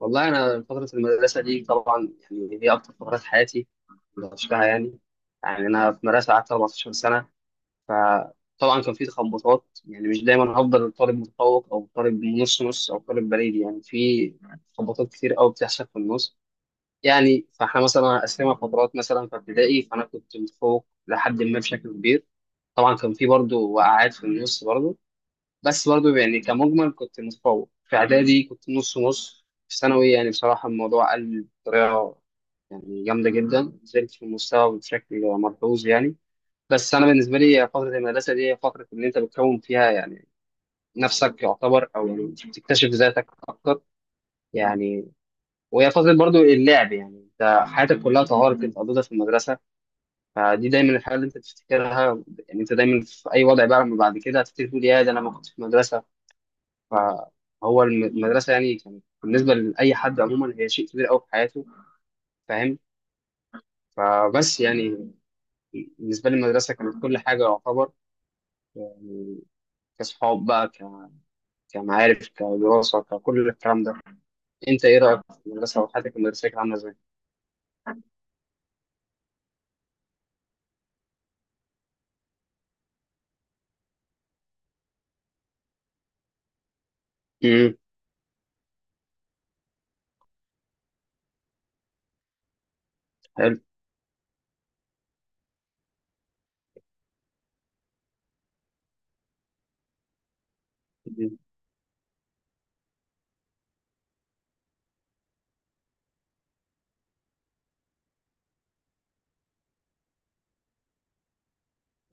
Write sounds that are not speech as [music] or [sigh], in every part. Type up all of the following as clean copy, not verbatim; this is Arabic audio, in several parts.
والله أنا فترة المدرسة دي طبعا يعني هي أكتر فترات حياتي اللي عشتها يعني. أنا في مدرسة قعدت 14 سنة. فطبعا كان في تخبطات، يعني مش دايما هفضل طالب متفوق أو طالب نص نص أو طالب بريد، يعني في تخبطات كتير أوي بتحصل في النص يعني. فإحنا مثلا قسمنا فترات، مثلا في ابتدائي فأنا كنت متفوق لحد ما بشكل كبير. طبعا كان في برضه وقعات في النص برضه، بس برضه يعني كمجمل كنت متفوق. في اعدادي كنت نص نص. في ثانوي يعني بصراحه الموضوع قل بطريقه يعني جامده جدا، نزلت في المستوى بشكل ملحوظ يعني. بس انا بالنسبه لي فتره المدرسه دي هي فتره اللي انت بتكون فيها يعني نفسك، يعتبر او يعني بتكتشف ذاتك اكتر يعني. وهي فتره برضو اللعب، يعني انت حياتك كلها طوارئ كنت قضيتها في المدرسه. فدي دايما الحاجه اللي انت بتفتكرها، يعني انت دايما في اي وضع بقى لما بعد كده هتفتكر تقول يا ده انا ما كنت في المدرسه. فهو المدرسة يعني كانت بالنسبة لأي حد عموما هي شيء كبير أوي في حياته، فاهم؟ فبس يعني بالنسبة لي المدرسة كانت كل حاجة يعتبر، يعني كصحاب بقى، كمعارف، كدراسة، ككل الكلام ده. أنت إيه رأيك في المدرسة وحياتك المدرسية كانت عاملة إزاي؟ امم. حلو.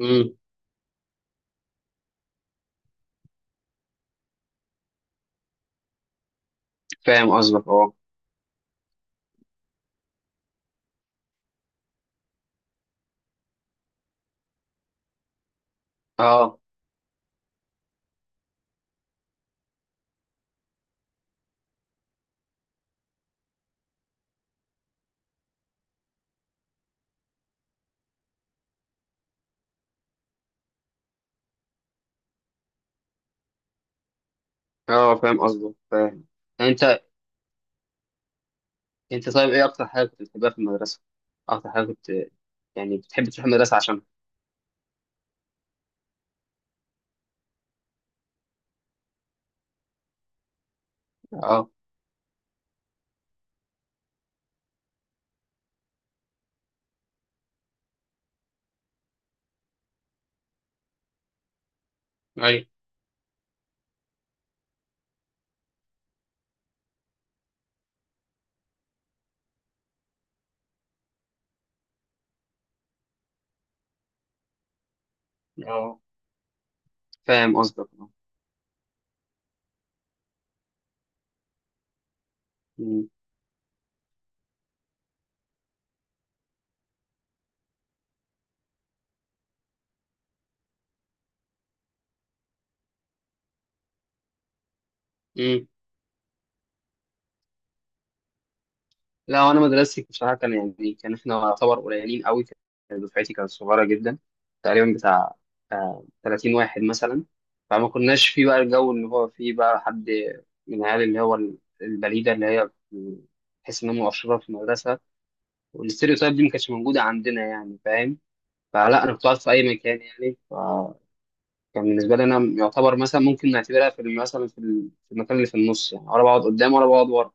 امم. فاهم قصدك. أه، أه، أه، فاهم قصدك، فاهم. يعني أنت أنت طيب، إيه أكتر حاجة كنت بتحبها في المدرسة؟ أكتر حاجة كنت يعني بتحب تروح المدرسة عشانها؟ أه. أيوه، فاهم قصدك، اه. مم. مم. لا، وانا مدرستي بصراحه كان يعني كان احنا يعتبر قليلين قوي، كان دفعتي كانت صغيره جدا، تقريبا بتاع 30 واحد مثلا. فما كناش فيه بقى الجو اللي هو فيه بقى حد من العيال اللي هو البليده اللي هي تحس انها مؤشره في المدرسه، والاستيريوتايب دي ما كانتش موجوده عندنا يعني، فاهم؟ فلا انا كنت قاعد في اي مكان يعني، فكان بالنسبه لي انا يعتبر مثلا ممكن نعتبرها في ال- مثلا في ال- في المكان اللي في النص، يعني ولا بقعد قدام ولا بقعد ورا.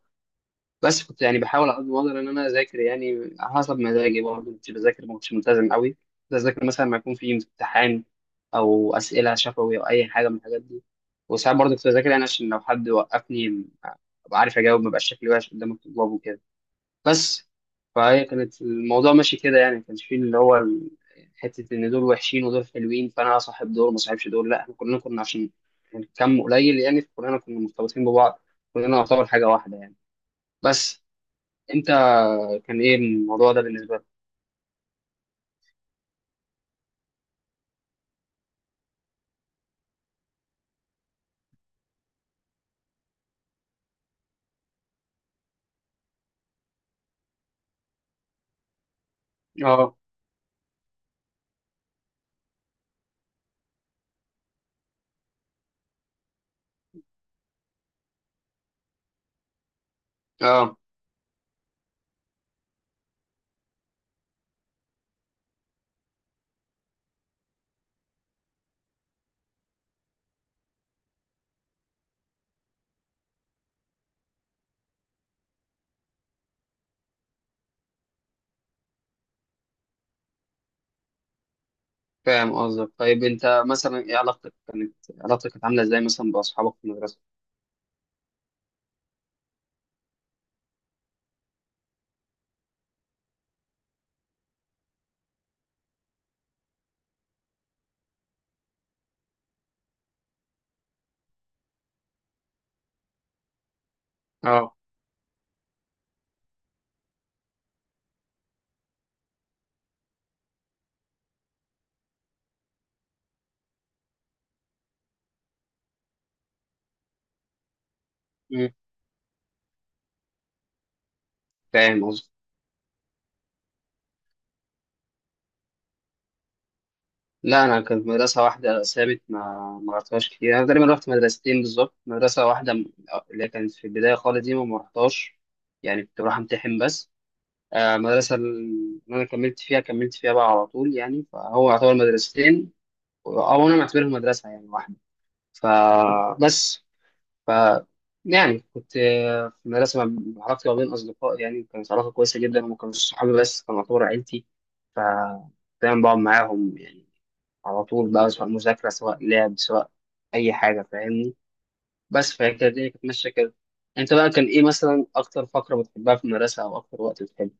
بس كنت يعني بحاول على قد ما اقدر ان انا اذاكر، يعني على حسب مزاجي برضه كنت بذاكر، ما كنتش ملتزم قوي. كنت اذاكر مثلا لما يكون في امتحان او اسئله شفوي او اي حاجه من الحاجات دي. وساعات برضه كنت بذاكر يعني عشان لو حد وقفني ابقى عارف اجاوب، ما بقاش شكلي وحش قدام الطلاب وكده بس. فهي كانت الموضوع ماشي كده، يعني ما كانش فيه اللي هو حته ان دول وحشين ودول حلوين فانا اصاحب دول ما اصاحبش دول. لا، احنا كلنا كنا عشان كم قليل يعني، فكلنا كنا مرتبطين ببعض، كلنا نعتبر حاجه واحده يعني. بس انت كان ايه الموضوع ده بالنسبه لك؟ اه، اه، فاهم قصدك. طيب انت مثلا ايه علاقتك كانت، عامله ازاي مثلا باصحابك في المدرسه؟ اه. مم. فاهم قصدك. لا انا كانت مدرسه واحده ثابت، ما رحتهاش كتير. انا تقريبا رحت مدرستين بالظبط. مدرسه واحده اللي كانت في البدايه خالص دي ما رحتهاش، يعني كنت بروح امتحن بس. المدرسه اللي انا كملت فيها بقى على طول يعني، فهو يعتبر مدرستين او انا معتبرهم مدرسه يعني واحده فبس. ف يعني كنت في المدرسة علاقتي ما بين أصدقاء يعني كانت علاقة كويسة جدا، وما كانوش صحابي بس كانوا يعتبر عيلتي. ف دايما بقعد معاهم يعني على طول بقى، سواء مذاكرة سواء لعب سواء أي حاجة، فاهمني؟ بس فهي كانت الدنيا كانت ماشية كده. أنت بقى كان إيه مثلا أكتر فقرة بتحبها في المدرسة أو أكتر وقت بتحبه؟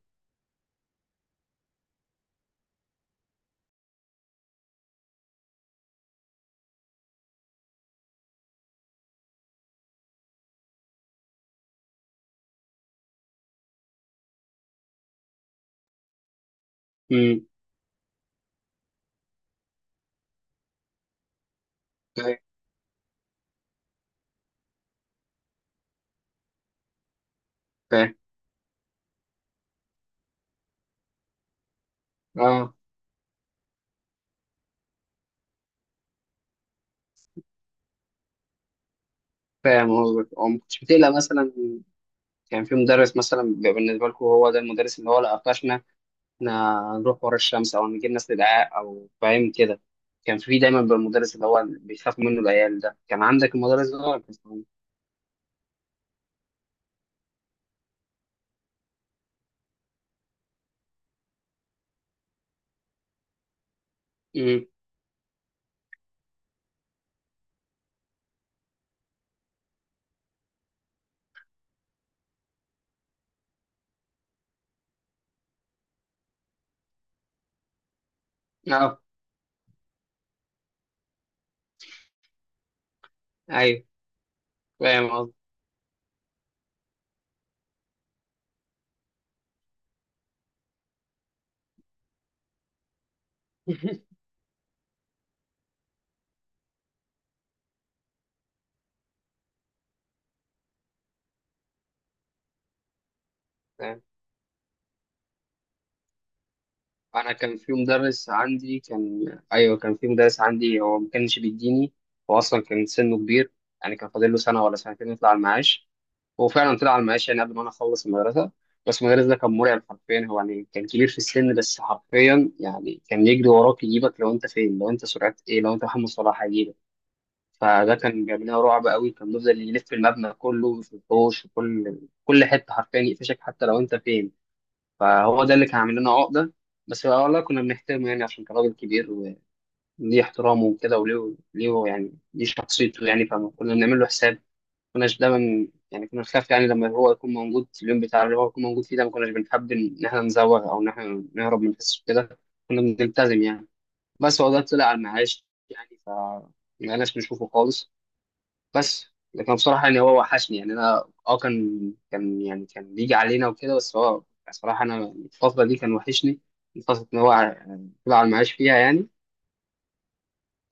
امم. فاهم، فاهم. أه، فاهم قصدك. أه ما كنتش بتقلق مثلا، كان في مدرس مثلا بيبقى بالنسبة لكم هو ده المدرس اللي هو لا قفشنا إحنا نروح ورا الشمس أو نجيب ناس للدعاء أو فاهم كده، كان في دايما بالمدرس اللي هو بيخاف منه العيال ده، كان عندك المدرس ده ولا امم. اه، ايوه، فاهم قصدي. [laughs] فاهم. انا كان في مدرس عندي كان ايوه، كان في مدرس عندي هو ما كانش بيديني، هو اصلا كان سنه كبير يعني كان فاضل له سنه ولا سنتين يطلع المعاش. هو فعلا طلع على المعاش يعني قبل ما انا اخلص المدرسه. بس المدرس ده كان مرعب حرفيا، هو يعني كان كبير في السن بس حرفيا يعني كان يجري وراك يجيبك لو انت فين، لو انت سرعه ايه، لو انت محمد صلاح هيجيبك. فده كان جاب لنا رعب قوي، كان بيفضل يلف المبنى كله، في الحوش، في كل حته حرفيا يقفشك حتى لو انت فين. فهو ده اللي كان عامل لنا عقده. بس والله كنا بنحترمه يعني عشان كان راجل كبير، وليه احترامه وكده، وليه ليه يعني ليه شخصيته يعني، فكنا بنعمل له حساب. كناش دايما يعني كنا بنخاف يعني لما هو يكون موجود في اليوم بتاع اللي هو يكون موجود فيه ده، ما كناش بنحب ان احنا نزوغ او ان احنا نهرب من الحصص كده، كنا بنلتزم يعني. بس هو ده طلع على المعاش يعني، ف ما بقناش بنشوفه خالص بس. لكن بصراحة يعني هو وحشني يعني، انا كان بيجي علينا وكده، بس هو بصراحة انا الفترة دي كان وحشني، الفترة ان هو طلع على المعاش فيها يعني.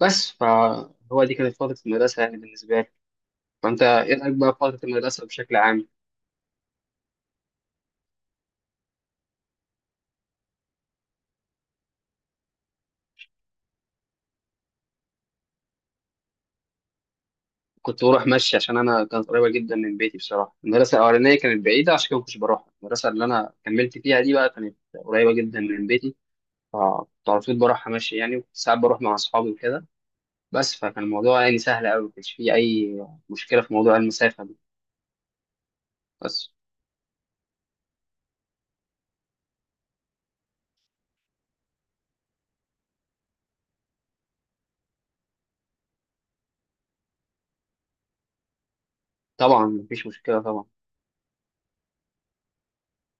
بس فهو دي كانت فترة المدرسة يعني بالنسبة لي. فانت ايه رأيك بقى في فترة المدرسة بشكل عام؟ كنت بروح مشي عشان انا كانت قريبه جدا من بيتي بصراحه. المدرسه الاولانيه كانت بعيده عشان كده ما كنتش بروح، المدرسه اللي انا كملت فيها دي بقى كانت قريبه جدا من بيتي. فكنت على طول بروحها مشي يعني، وكنت ساعات بروح مع اصحابي وكده بس. فكان الموضوع يعني سهل قوي، ما كانش فيه اي مشكله في موضوع المسافه دي بس. طبعا مفيش مشكله طبعا.